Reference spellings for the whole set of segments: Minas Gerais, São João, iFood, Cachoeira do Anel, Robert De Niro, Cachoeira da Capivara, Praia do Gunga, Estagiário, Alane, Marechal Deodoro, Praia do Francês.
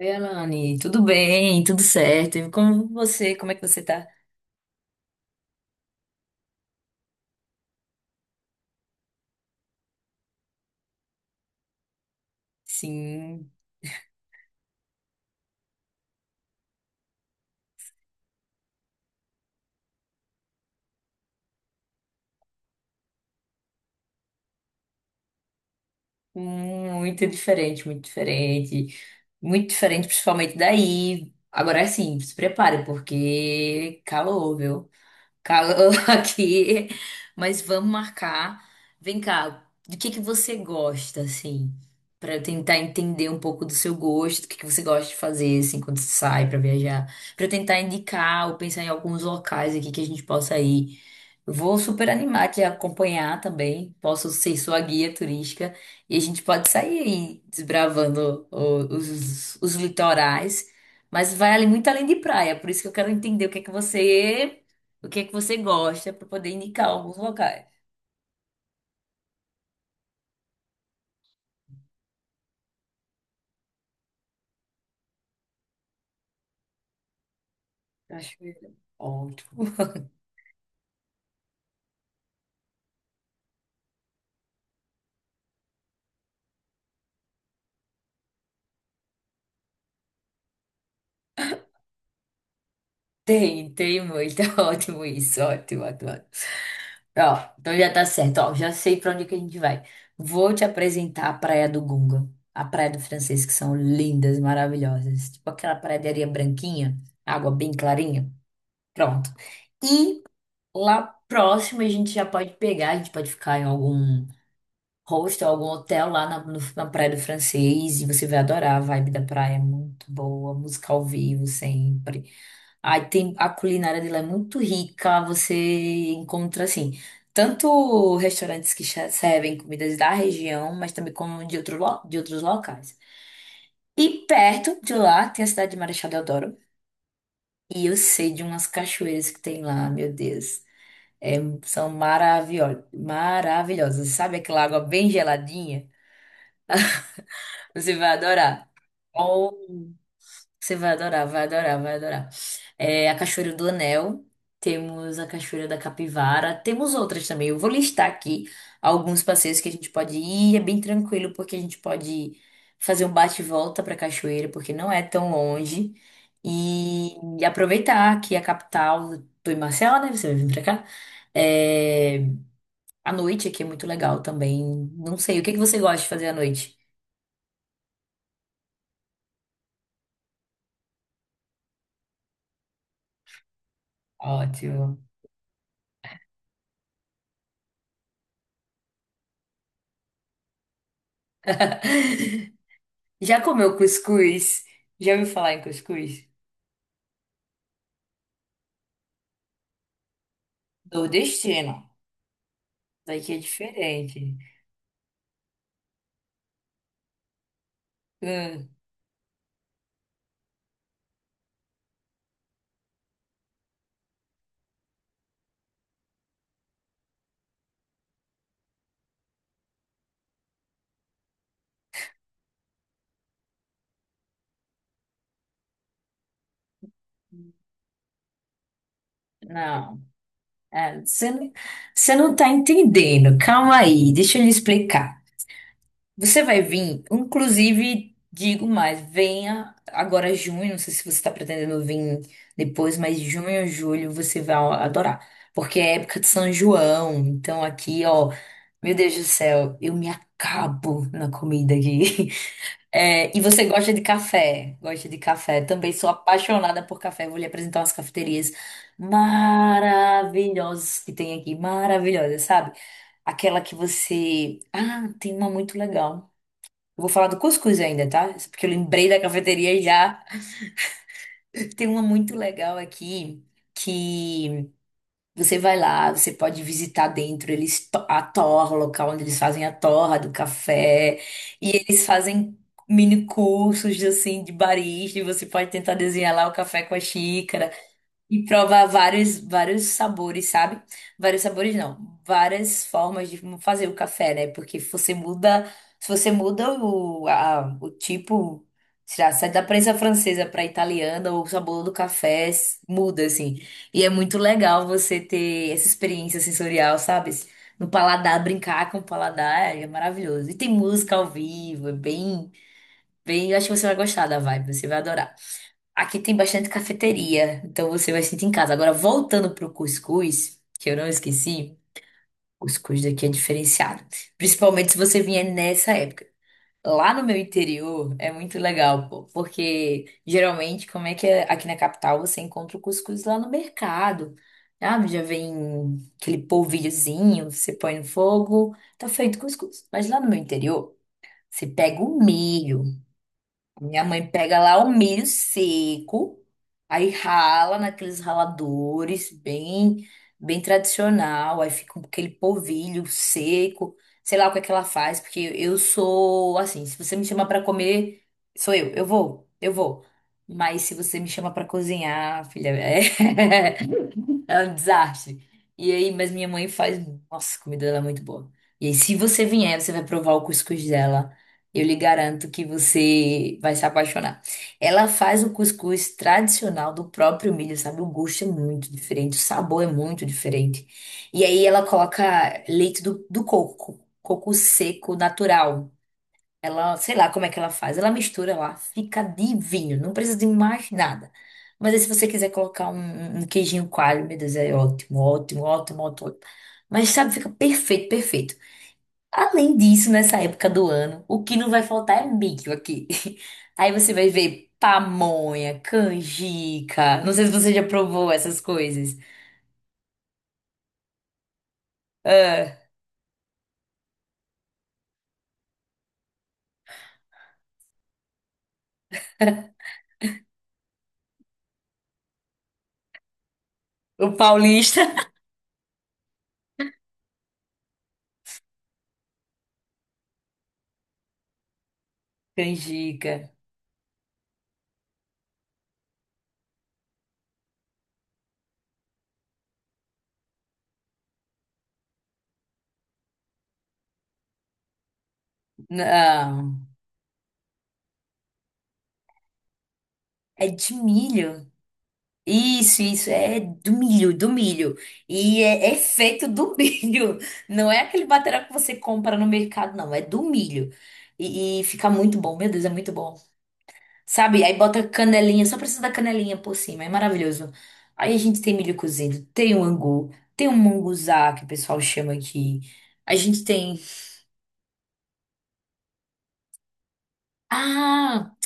Oi, Alane, tudo bem? Tudo certo? E como você? Como é que você tá? Sim, muito diferente, muito diferente. Muito diferente, principalmente daí. Agora sim, se prepare, porque calor, viu? Calor aqui, mas vamos marcar. Vem cá, do que você gosta, assim, para eu tentar entender um pouco do seu gosto, o que que você gosta de fazer, assim, quando você sai para viajar, para eu tentar indicar ou pensar em alguns locais aqui que a gente possa ir. Eu vou super animar aqui acompanhar também. Posso ser sua guia turística e a gente pode sair aí desbravando os litorais, mas vai ali muito além de praia, por isso que eu quero entender o que é que você gosta para poder indicar alguns locais? Cachoeira. Ótimo. Tem muito. Ótimo isso. Ótimo, ótimo. Ótimo. Ó, então já tá certo. Ó, já sei para onde que a gente vai. Vou te apresentar a Praia do Gunga, a Praia do Francês, que são lindas, maravilhosas. Tipo aquela praia de areia branquinha, água bem clarinha. Pronto. E lá próximo a gente já pode pegar, a gente pode ficar em algum hostel, algum hotel lá na, no- na Praia do Francês e você vai adorar a vibe da praia, é muito boa, música ao vivo sempre. Aí tem a culinária dela é muito rica, você encontra assim, tanto restaurantes que servem comidas da região, mas também como de outros locais. E perto de lá tem a cidade de Marechal Deodoro. E eu sei de umas cachoeiras que tem lá, meu Deus. É, são maravilhosas, maravilhosas. Sabe aquela água bem geladinha? Você vai adorar. Ou você vai adorar, vai adorar, vai adorar. É, a Cachoeira do Anel, temos a Cachoeira da Capivara, temos outras também. Eu vou listar aqui alguns passeios que a gente pode ir, é bem tranquilo, porque a gente pode fazer um bate e volta pra cachoeira, porque não é tão longe. E aproveitar que é a capital do Marcela, né? Você vai vir pra cá. É, a noite aqui é muito legal também. Não sei, o que que você gosta de fazer à noite? Ótimo. Já comeu cuscuz? Já ouviu falar em cuscuz? Nordestino. Daqui é diferente. Hum, não. É, você não tá entendendo. Calma aí, deixa eu lhe explicar. Você vai vir, inclusive, digo mais, venha agora junho, não sei se você está pretendendo vir depois, mas junho ou julho você vai adorar, porque é época de São João, então aqui, ó, meu Deus do céu, eu me acabo na comida aqui. É, e você gosta de café? Gosta de café? Também sou apaixonada por café. Vou lhe apresentar umas cafeterias maravilhosas que tem aqui, maravilhosas, sabe? Aquela que você, ah, tem uma muito legal. Eu vou falar do cuscuz ainda, tá? Porque eu lembrei da cafeteria já. Tem uma muito legal aqui que você vai lá, você pode visitar dentro, a torra, o local onde eles fazem a torra do café, e eles fazem mini cursos assim de barista, e você pode tentar desenhar lá o café com a xícara. E provar vários, vários sabores, sabe? Vários sabores não, várias formas de como fazer o café, né? Porque você muda, se você muda o tipo, sei lá, sai da prensa francesa para italiana, o sabor do café muda, assim. E é muito legal você ter essa experiência sensorial, sabe? No paladar, brincar com o paladar é maravilhoso. E tem música ao vivo, é bem, eu acho que você vai gostar da vibe, você vai adorar. Aqui tem bastante cafeteria, então você vai sentir em casa. Agora, voltando pro cuscuz, que eu não esqueci, o cuscuz daqui é diferenciado. Principalmente se você vier nessa época. Lá no meu interior é muito legal, pô, porque geralmente, como é que é? Aqui na capital você encontra o cuscuz lá no mercado, sabe? Já vem aquele polvilhozinho, você põe no fogo, tá feito cuscuz. Mas lá no meu interior, você pega o milho. Minha mãe pega lá o milho seco, aí rala naqueles raladores bem tradicional, aí fica com aquele polvilho seco, sei lá o que é que ela faz, porque eu sou assim, se você me chama pra comer, sou eu vou, eu vou. Mas se você me chama pra cozinhar, filha, é um desastre. E aí, mas minha mãe faz. Nossa, a comida dela é muito boa. E aí, se você vier, você vai provar o cuscuz dela. Eu lhe garanto que você vai se apaixonar. Ela faz o cuscuz tradicional do próprio milho, sabe? O gosto é muito diferente, o sabor é muito diferente. E aí, ela coloca leite do coco, coco seco natural. Ela, sei lá como é que ela faz. Ela mistura lá, fica divino, não precisa de mais nada. Mas aí, se você quiser colocar um queijinho coalho, meu Deus, é ótimo, ótimo, ótimo, ótimo. Mas sabe, fica perfeito, perfeito. Além disso, nessa época do ano, o que não vai faltar é milho aqui. Aí você vai ver pamonha, canjica. Não sei se você já provou essas coisas. Ah, o paulista, canjica. Não, é de milho. Isso, é do milho, do milho. E é feito do milho. Não é aquele baterá que você compra no mercado, não. É do milho. E fica muito bom, meu Deus, é muito bom. Sabe? Aí bota canelinha, só precisa da canelinha por cima, é maravilhoso. Aí a gente tem milho cozido, tem o angu, tem o munguzá, que o pessoal chama aqui. A gente tem. Ah!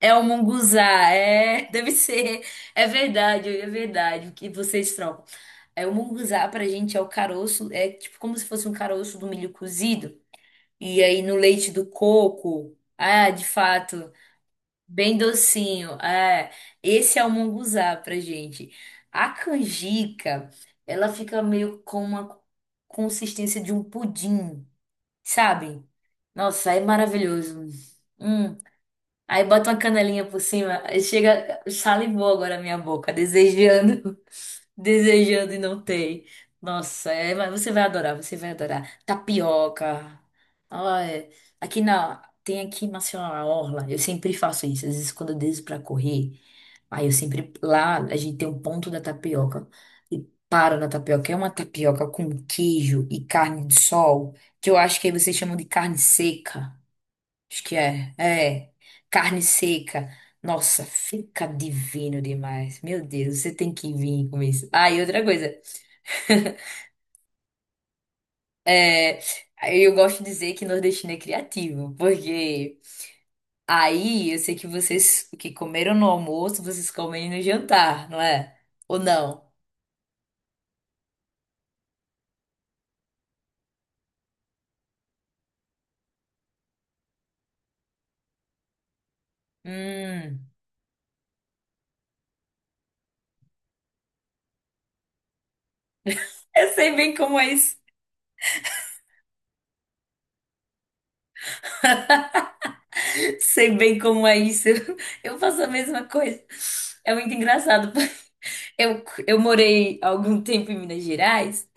É o munguzá, é, deve ser, é verdade, o que vocês trocam. É, o munguzá pra gente é o caroço, é tipo como se fosse um caroço do milho cozido, e aí no leite do coco, ah, de fato, bem docinho, é, esse é o munguzá pra gente. A canjica, ela fica meio com uma consistência de um pudim, sabe? Nossa, é maravilhoso. Hum. Aí bota uma canelinha por cima. Aí chega, salivou agora a minha boca, desejando, desejando e não tem. Nossa, é, mas você vai adorar, você vai adorar. Tapioca. Ah, é. Aqui na, Tem aqui em Maceió na Orla, eu sempre faço isso. Às vezes quando eu desço pra correr, aí eu sempre, lá a gente tem um ponto da tapioca. E paro na tapioca. É uma tapioca com queijo e carne de sol, que eu acho que aí vocês chamam de carne seca. Acho que é. É. Carne seca. Nossa, fica divino demais. Meu Deus, você tem que vir com isso. Ah, e outra coisa. É, eu gosto de dizer que nordestino é criativo, porque aí eu sei que vocês que comeram no almoço, vocês comem no jantar, não é? Ou não? Hum, eu sei bem como é Sei bem como é isso. Eu faço a mesma coisa. É muito engraçado. Eu morei algum tempo em Minas Gerais,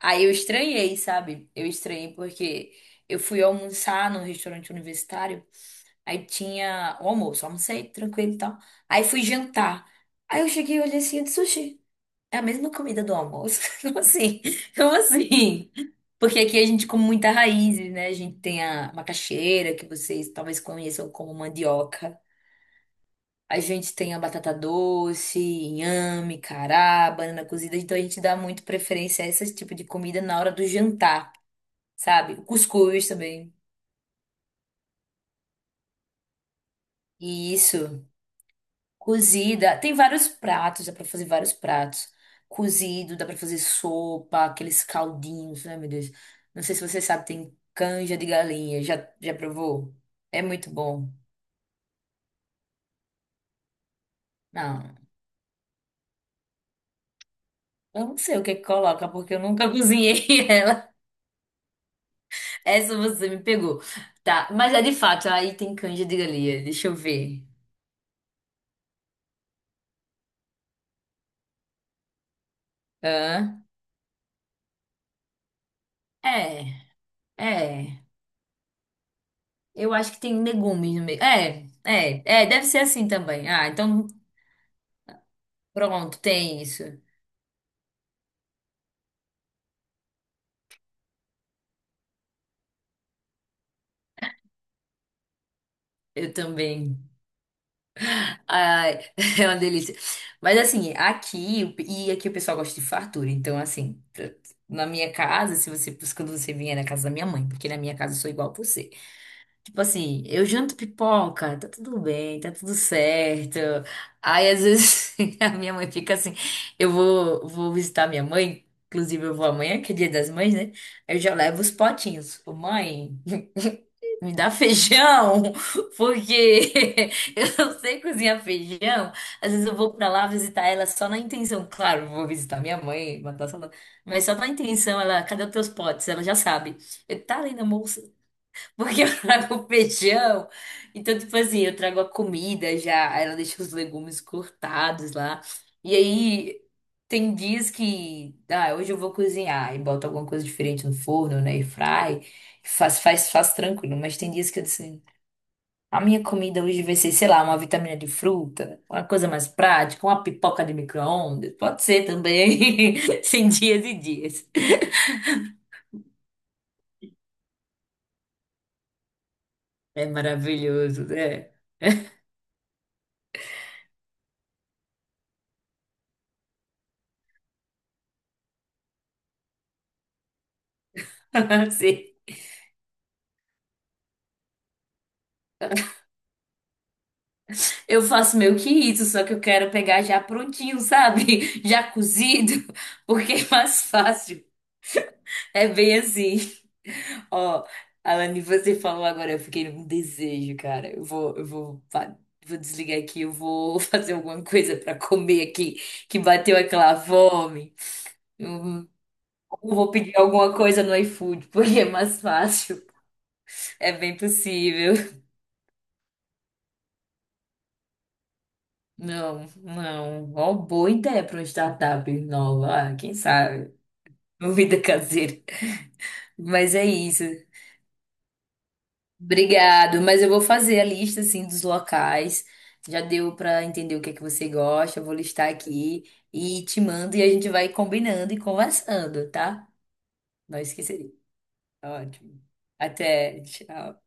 aí eu estranhei, sabe? Eu estranhei porque eu fui almoçar num restaurante universitário, aí tinha o almoço, almocei tranquilo e tal. Aí fui jantar. Aí eu cheguei e olhei assim, eu disse, sushi. É a mesma comida do almoço. Como assim? Como assim? Porque aqui a gente come muita raiz, né? A gente tem a macaxeira, que vocês talvez conheçam como mandioca. A gente tem a batata doce, inhame, cará, banana cozida. Então a gente dá muito preferência a esse tipo de comida na hora do jantar, sabe? O cuscuz também. E isso. Cozida. Tem vários pratos, dá pra fazer vários pratos. Cozido, dá pra fazer sopa, aqueles caldinhos, né, meu Deus? Não sei se você sabe, tem canja de galinha. Já provou? É muito bom. Não, eu não sei o que que coloca, porque eu nunca cozinhei ela. Essa você me pegou. Tá, mas é de fato, aí tem canja de galinha. Deixa eu ver. Hã? É, é. Eu acho que tem legumes no meio. É, é, é, deve ser assim também. Ah, então pronto, tem isso. Eu também. Ai, é uma delícia. Mas assim, aqui o pessoal gosta de fartura. Então, assim, na minha casa, se você, quando você vier na casa da minha mãe, porque na minha casa eu sou igual a você. Tipo assim, eu janto pipoca, tá tudo bem, tá tudo certo. Aí, às vezes, a minha mãe fica assim, eu vou visitar minha mãe, inclusive eu vou amanhã, que é dia das mães, né? Eu já levo os potinhos. Ô, mãe. Me dá feijão, porque eu não sei cozinhar feijão. Às vezes eu vou pra lá visitar ela só na intenção. Claro, vou visitar minha mãe, matar saudade. Mas só na intenção, ela, cadê os teus potes? Ela já sabe. Tá ali na porque eu trago o feijão. Então, tipo assim, eu trago a comida já. Aí ela deixa os legumes cortados lá. E aí, tem dias que. Ah, hoje eu vou cozinhar. E boto alguma coisa diferente no forno, né? E fry. Faz tranquilo. Mas tem dias que eu assim. A minha comida hoje vai ser, sei lá, uma vitamina de fruta, uma coisa mais prática, uma pipoca de micro-ondas. Pode ser também. Tem dias e dias. É maravilhoso, né? Sim. Eu faço meio que isso, só que eu quero pegar já prontinho, sabe? Já cozido, porque é mais fácil. É bem assim. Ó, Alane, você falou agora, eu fiquei num desejo, cara. Eu vou desligar aqui, eu vou fazer alguma coisa pra comer aqui, que bateu aquela fome. Eu vou pedir alguma coisa no iFood, porque é mais fácil. É bem possível. Não, não. Ó, boa ideia pra uma startup nova. Ah, quem sabe? Comida caseira. Mas é isso. Obrigado. Mas eu vou fazer a lista, assim, dos locais. Já deu para entender o que é que você gosta. Eu vou listar aqui e te mando e a gente vai combinando e conversando, tá? Não esqueceria. Ótimo. Até. Tchau.